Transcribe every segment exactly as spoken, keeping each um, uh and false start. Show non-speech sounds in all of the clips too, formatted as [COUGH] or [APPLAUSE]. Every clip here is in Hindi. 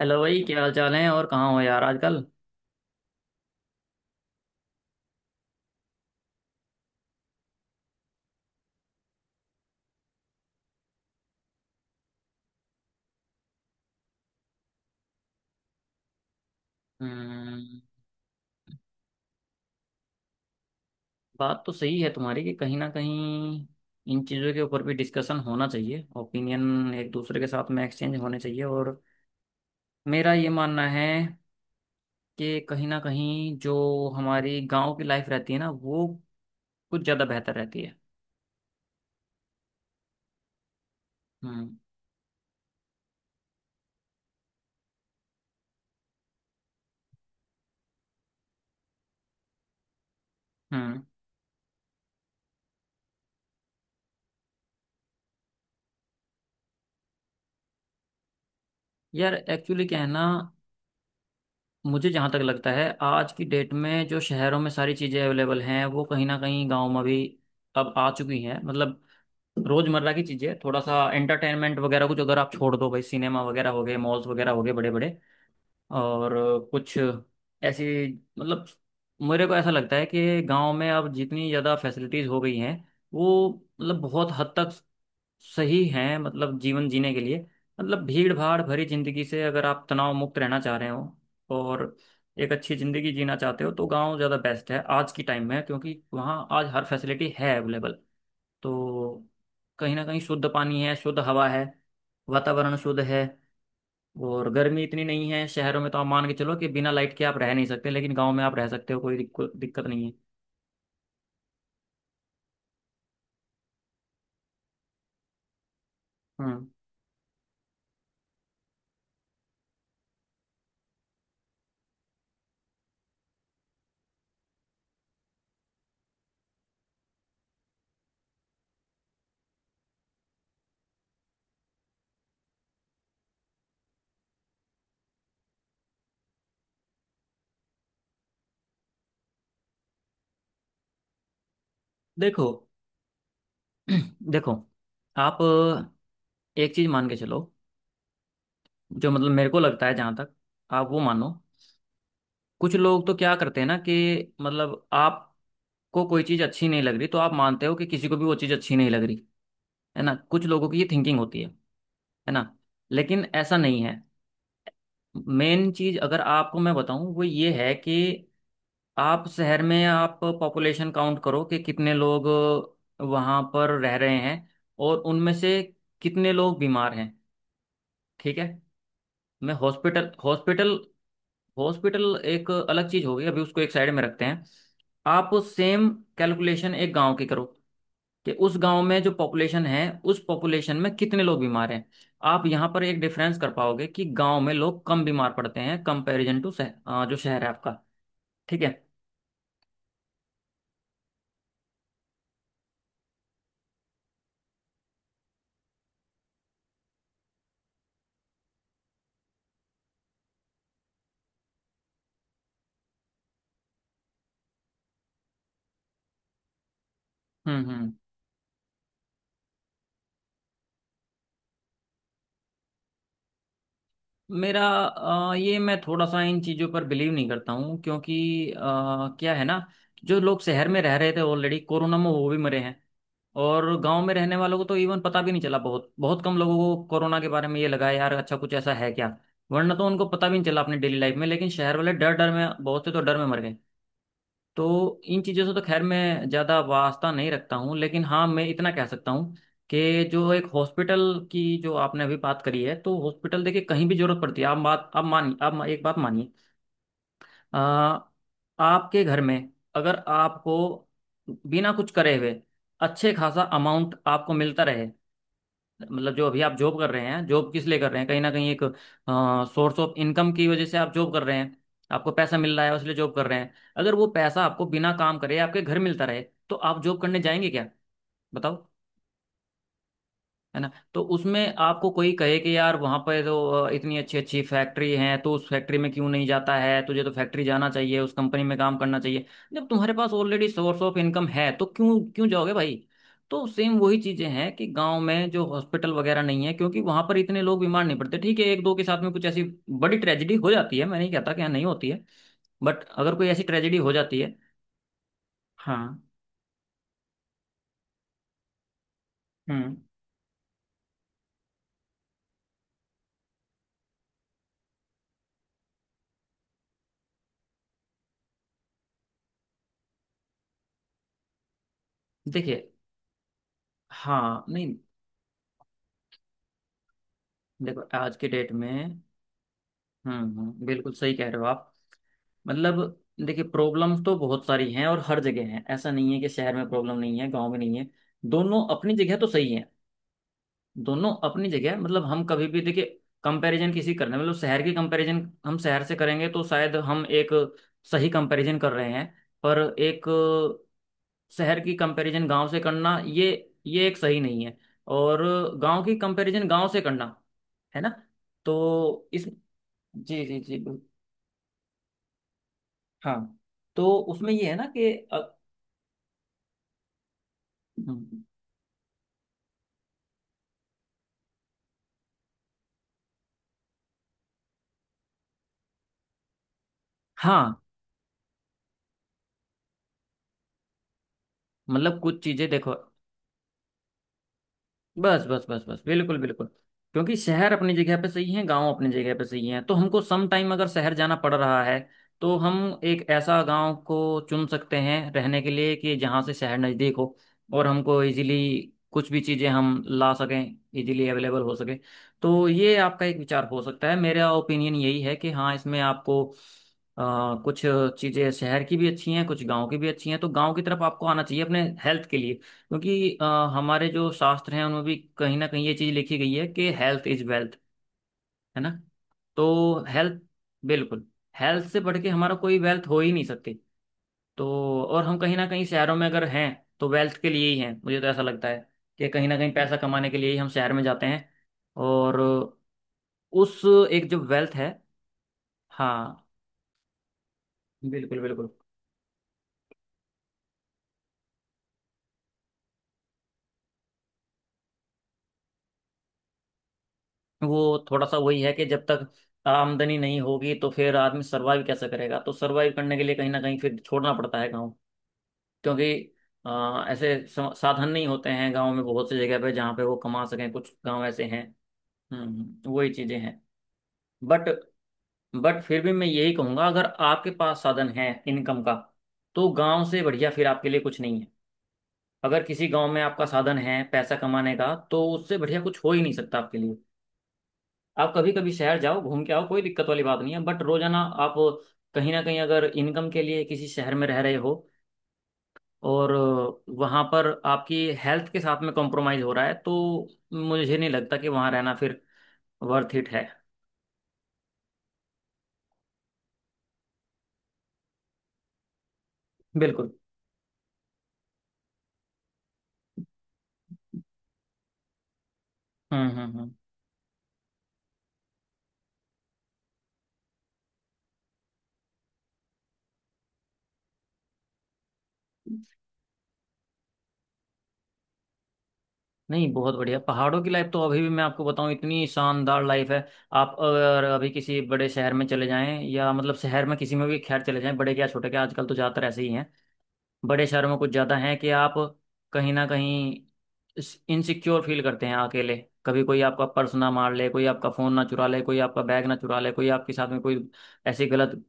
हेलो भाई, क्या हाल चाल है? और कहाँ हो यार आजकल? हम्म, बात तो सही है तुम्हारी कि कहीं ना कहीं इन चीज़ों के ऊपर भी डिस्कशन होना चाहिए। ओपिनियन एक दूसरे के साथ में एक्सचेंज होने चाहिए। और मेरा ये मानना है कि कहीं ना कहीं जो हमारी गांव की लाइफ रहती है ना, वो कुछ ज़्यादा बेहतर रहती है। हम्म। हम्म। यार एक्चुअली क्या है ना, मुझे जहाँ तक लगता है आज की डेट में जो शहरों में सारी चीज़ें अवेलेबल हैं वो कहीं ना कहीं गाँव में भी अब आ चुकी हैं। मतलब रोजमर्रा की चीजें, थोड़ा सा एंटरटेनमेंट वगैरह, कुछ अगर आप छोड़ दो भाई, सिनेमा वगैरह हो गए, मॉल्स वगैरह हो गए बड़े बड़े। और कुछ ऐसी, मतलब मेरे को ऐसा लगता है कि गांव में अब जितनी ज़्यादा फैसिलिटीज़ हो गई हैं, वो मतलब बहुत हद तक सही हैं, मतलब जीवन जीने के लिए। मतलब भीड़ भाड़ भरी जिंदगी से अगर आप तनाव मुक्त रहना चाह रहे हो और एक अच्छी ज़िंदगी जीना चाहते हो, तो गांव ज़्यादा बेस्ट है आज की टाइम में, क्योंकि वहाँ आज हर फैसिलिटी है अवेलेबल। तो कहीं ना कहीं शुद्ध पानी है, शुद्ध हवा है, वातावरण शुद्ध है। और गर्मी इतनी नहीं है। शहरों में तो आप मान के चलो कि बिना लाइट के आप रह नहीं सकते, लेकिन गांव में आप रह सकते हो, कोई दिक्कत दिक्कत नहीं है। हम्म। देखो, [CLEARS THROAT] देखो आप एक चीज मान के चलो, जो मतलब मेरे को लगता है, जहां तक आप वो मानो, कुछ लोग तो क्या करते हैं ना, कि मतलब आपको कोई चीज अच्छी नहीं लग रही तो आप मानते हो कि किसी को भी वो चीज अच्छी नहीं लग रही। है ना, कुछ लोगों की ये थिंकिंग होती है। है ना? लेकिन ऐसा नहीं है। मेन चीज अगर आपको मैं बताऊं वो ये है कि आप शहर में आप पॉपुलेशन काउंट करो कि कितने लोग वहां पर रह रहे हैं और उनमें से कितने लोग बीमार हैं। ठीक है? मैं हॉस्पिटल, हॉस्पिटल, हॉस्पिटल एक अलग चीज हो गई, अभी उसको एक साइड में रखते हैं। आप सेम कैलकुलेशन एक गांव की करो कि उस गांव में जो पॉपुलेशन है, उस पॉपुलेशन में कितने लोग बीमार हैं। आप यहाँ पर एक डिफरेंस कर पाओगे कि गांव में लोग कम बीमार पड़ते हैं कंपैरिजन टू शह, अ, जो शहर है आपका। ठीक है? हम्म। हम्म। मेरा अ, ये मैं थोड़ा सा इन चीज़ों पर बिलीव नहीं करता हूँ, क्योंकि अ, क्या है ना, जो लोग शहर में रह रहे थे ऑलरेडी कोरोना में वो भी मरे हैं। और गांव में रहने वालों को तो इवन पता भी नहीं चला। बहुत बहुत कम लोगों को कोरोना के बारे में ये लगा है, यार अच्छा कुछ ऐसा है क्या। वरना तो उनको पता भी नहीं चला अपने डेली लाइफ में। लेकिन शहर वाले डर डर में, बहुत से तो डर में मर गए। तो इन चीज़ों से तो खैर मैं ज़्यादा वास्ता नहीं रखता हूँ, लेकिन हाँ मैं इतना कह सकता हूँ कि जो एक हॉस्पिटल की जो आपने अभी बात करी है, तो हॉस्पिटल देखिए कहीं भी जरूरत पड़ती है। आप बात, आप मानिए, आप एक बात मानिए, अ, आपके घर में अगर आपको बिना कुछ करे हुए अच्छे खासा अमाउंट आपको मिलता रहे, मतलब जो अभी आप जॉब कर रहे हैं, जॉब किस लिए कर रहे हैं? कहीं ना कहीं एक सोर्स ऑफ इनकम की वजह से आप जॉब कर रहे हैं। आपको पैसा मिल रहा है इसलिए जॉब कर रहे हैं। अगर वो पैसा आपको बिना काम करे आपके घर मिलता रहे तो आप जॉब करने जाएंगे क्या? बताओ। है ना? तो उसमें आपको कोई कहे कि यार वहां पर तो अ, इतनी अच्छी अच्छी फैक्ट्री हैं, तो उस फैक्ट्री में क्यों नहीं जाता है, तुझे तो फैक्ट्री जाना चाहिए, उस कंपनी में काम करना चाहिए। जब तुम्हारे पास ऑलरेडी सोर्स ऑफ इनकम है तो क्यों क्यों जाओगे भाई? तो सेम वही चीजें हैं कि गांव में जो हॉस्पिटल वगैरह नहीं है, क्योंकि वहां पर इतने लोग बीमार नहीं पड़ते। ठीक है, एक दो के साथ में कुछ ऐसी बड़ी ट्रेजेडी हो जाती है, मैं नहीं कहता कि यहाँ नहीं होती है, बट अगर कोई ऐसी ट्रेजेडी हो जाती है। हाँ। हम्म। देखिए, हाँ नहीं, देखो आज के डेट में। हम्म। हम्म, बिल्कुल सही कह रहे हो आप। मतलब देखिए प्रॉब्लम्स तो बहुत सारी हैं और हर जगह हैं, ऐसा नहीं है कि शहर में प्रॉब्लम नहीं है, गांव में नहीं है। दोनों अपनी जगह तो सही है। दोनों अपनी जगह, मतलब हम कभी भी देखिए, कंपैरिजन किसी करने मतलब शहर की कंपैरिजन हम शहर से करेंगे तो शायद हम एक सही कंपैरिजन कर रहे हैं। पर एक शहर की कंपैरिजन गांव से करना, ये ये एक सही नहीं है। और गांव की कंपैरिजन गांव से करना। है ना? तो इस, जी जी जी, हाँ। तो उसमें ये है ना कि अ, हम्म, हाँ, मतलब कुछ चीजें देखो, बस बस बस बस, बिल्कुल बिल्कुल। क्योंकि शहर अपनी जगह पे सही है, गांव अपनी जगह पे सही है, तो हमको सम टाइम अगर शहर जाना पड़ रहा है, तो हम एक ऐसा गांव को चुन सकते हैं रहने के लिए कि जहां से शहर नज़दीक हो और हमको इजीली कुछ भी चीज़ें हम ला सकें, इजीली अवेलेबल हो सके। तो ये आपका एक विचार हो सकता है। मेरा ओपिनियन यही है कि हाँ, इसमें आपको अ, कुछ चीज़ें शहर की भी अच्छी हैं, कुछ गांव की भी अच्छी हैं, तो गांव की तरफ आपको आना चाहिए अपने हेल्थ के लिए। क्योंकि अ, हमारे जो शास्त्र हैं उनमें भी कहीं ना कहीं ये चीज लिखी गई है कि हेल्थ इज वेल्थ। है ना? तो हेल्थ, बिल्कुल, हेल्थ से बढ़ के हमारा कोई वेल्थ हो ही नहीं सकती। तो और हम कहीं ना कहीं शहरों में अगर हैं तो वेल्थ के लिए ही हैं, मुझे तो ऐसा लगता है कि कहीं ना कहीं पैसा कमाने के लिए ही हम शहर में जाते हैं। और उस, एक जो वेल्थ है, हाँ, बिल्कुल बिल्कुल। वो थोड़ा सा वही है कि जब तक आमदनी नहीं होगी तो फिर आदमी सरवाइव कैसे करेगा? तो सरवाइव करने के लिए कहीं ना कहीं फिर छोड़ना पड़ता है गाँव, क्योंकि अ, ऐसे सा- साधन नहीं होते हैं गांव में बहुत सी जगह पे, जहाँ पे वो कमा सकें। कुछ गांव ऐसे हैं। हम्म, वही चीजें हैं। बट बट फिर भी मैं यही कहूंगा, अगर आपके पास साधन है इनकम का, तो गांव से बढ़िया फिर आपके लिए कुछ नहीं है। अगर किसी गांव में आपका साधन है पैसा कमाने का, तो उससे बढ़िया कुछ हो ही नहीं सकता आपके लिए। आप कभी कभी शहर जाओ, घूम के आओ, कोई दिक्कत वाली बात नहीं है, बट रोजाना आप कहीं ना कहीं अगर इनकम के लिए किसी शहर में रह रहे हो और वहाँ पर आपकी हेल्थ के साथ में कॉम्प्रोमाइज़ हो रहा है, तो मुझे नहीं लगता कि वहाँ रहना फिर वर्थ इट है। बिल्कुल। हम्म हम्म हम्म। नहीं, बहुत बढ़िया। पहाड़ों की लाइफ तो अभी भी मैं आपको बताऊं इतनी शानदार लाइफ है। आप अगर अभी किसी बड़े शहर में चले जाएं, या मतलब शहर में किसी में भी खैर चले जाएं, बड़े क्या छोटे क्या, आजकल तो ज़्यादातर ऐसे ही हैं, बड़े शहरों में कुछ ज़्यादा हैं कि आप कहीं ना कहीं इनसिक्योर फील करते हैं अकेले। कभी कोई आपका पर्स ना मार ले, कोई आपका फ़ोन ना चुरा ले, कोई आपका बैग ना चुरा ले, कोई आपके साथ में कोई ऐसी गलत,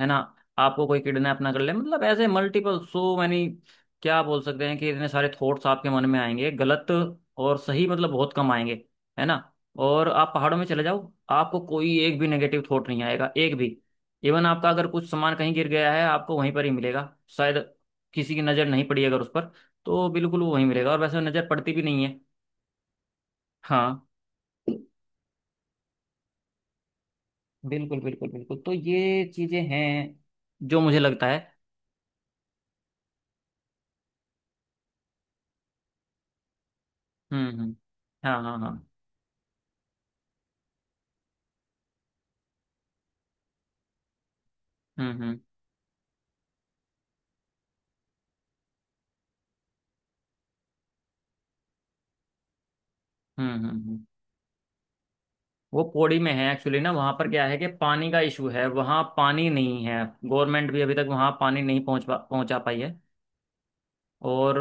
है ना, आपको कोई किडनैप ना कर ले, मतलब ऐसे मल्टीपल, सो मैनी क्या बोल सकते हैं, कि इतने सारे थॉट्स आपके मन में आएंगे गलत। और सही मतलब बहुत कम आएंगे। है ना? और आप पहाड़ों में चले जाओ, आपको कोई एक भी नेगेटिव थॉट नहीं आएगा, एक भी। इवन आपका अगर कुछ सामान कहीं गिर गया है, आपको वहीं पर ही मिलेगा शायद, किसी की नज़र नहीं पड़ी अगर उस पर, तो बिल्कुल वो वहीं मिलेगा, और वैसे नज़र पड़ती भी नहीं है। हाँ, बिल्कुल बिल्कुल बिल्कुल। तो ये चीज़ें हैं जो मुझे लगता है। हम्म हम्म। हाँ हाँ हाँ। हम्म हम्म हम्म। हम्म हम्म। वो पौड़ी में है एक्चुअली ना, वहां पर क्या है कि पानी का इशू है, वहां पानी नहीं है। गवर्नमेंट भी अभी तक वहां पानी नहीं पहुंच पा- पहुंचा पाई है। और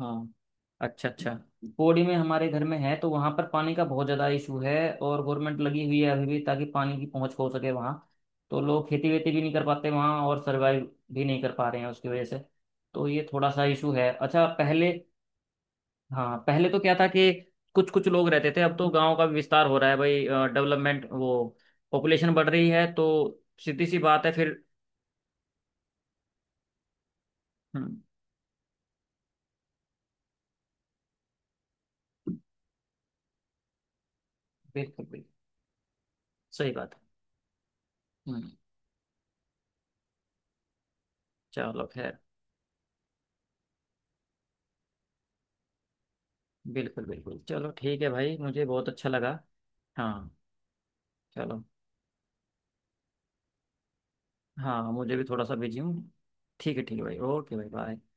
हाँ, अच्छा अच्छा। पौड़ी में हमारे घर में है, तो वहां पर पानी का बहुत ज्यादा इशू है। और गवर्नमेंट लगी हुई है अभी भी ताकि पानी की पहुंच हो सके वहां। तो लोग खेती वेती भी नहीं कर पाते वहां, और सरवाइव भी नहीं कर पा रहे हैं उसकी वजह से। तो ये थोड़ा सा इशू है। अच्छा, पहले, हाँ पहले तो क्या था कि कुछ कुछ लोग रहते थे, अब तो गांव का भी विस्तार हो रहा है भाई, डेवलपमेंट वो, पॉपुलेशन बढ़ रही है, तो सीधी सी बात है फिर। हम्म, बिल्कुल बिल्कुल। सही बात है। हम्म, चलो खैर। बिल्कुल बिल्कुल, चलो ठीक है भाई, मुझे बहुत अच्छा लगा। हाँ, चलो। हाँ, मुझे भी थोड़ा सा बिजी हूँ। ठीक है, ठीक है भाई, ओके भाई, बाय।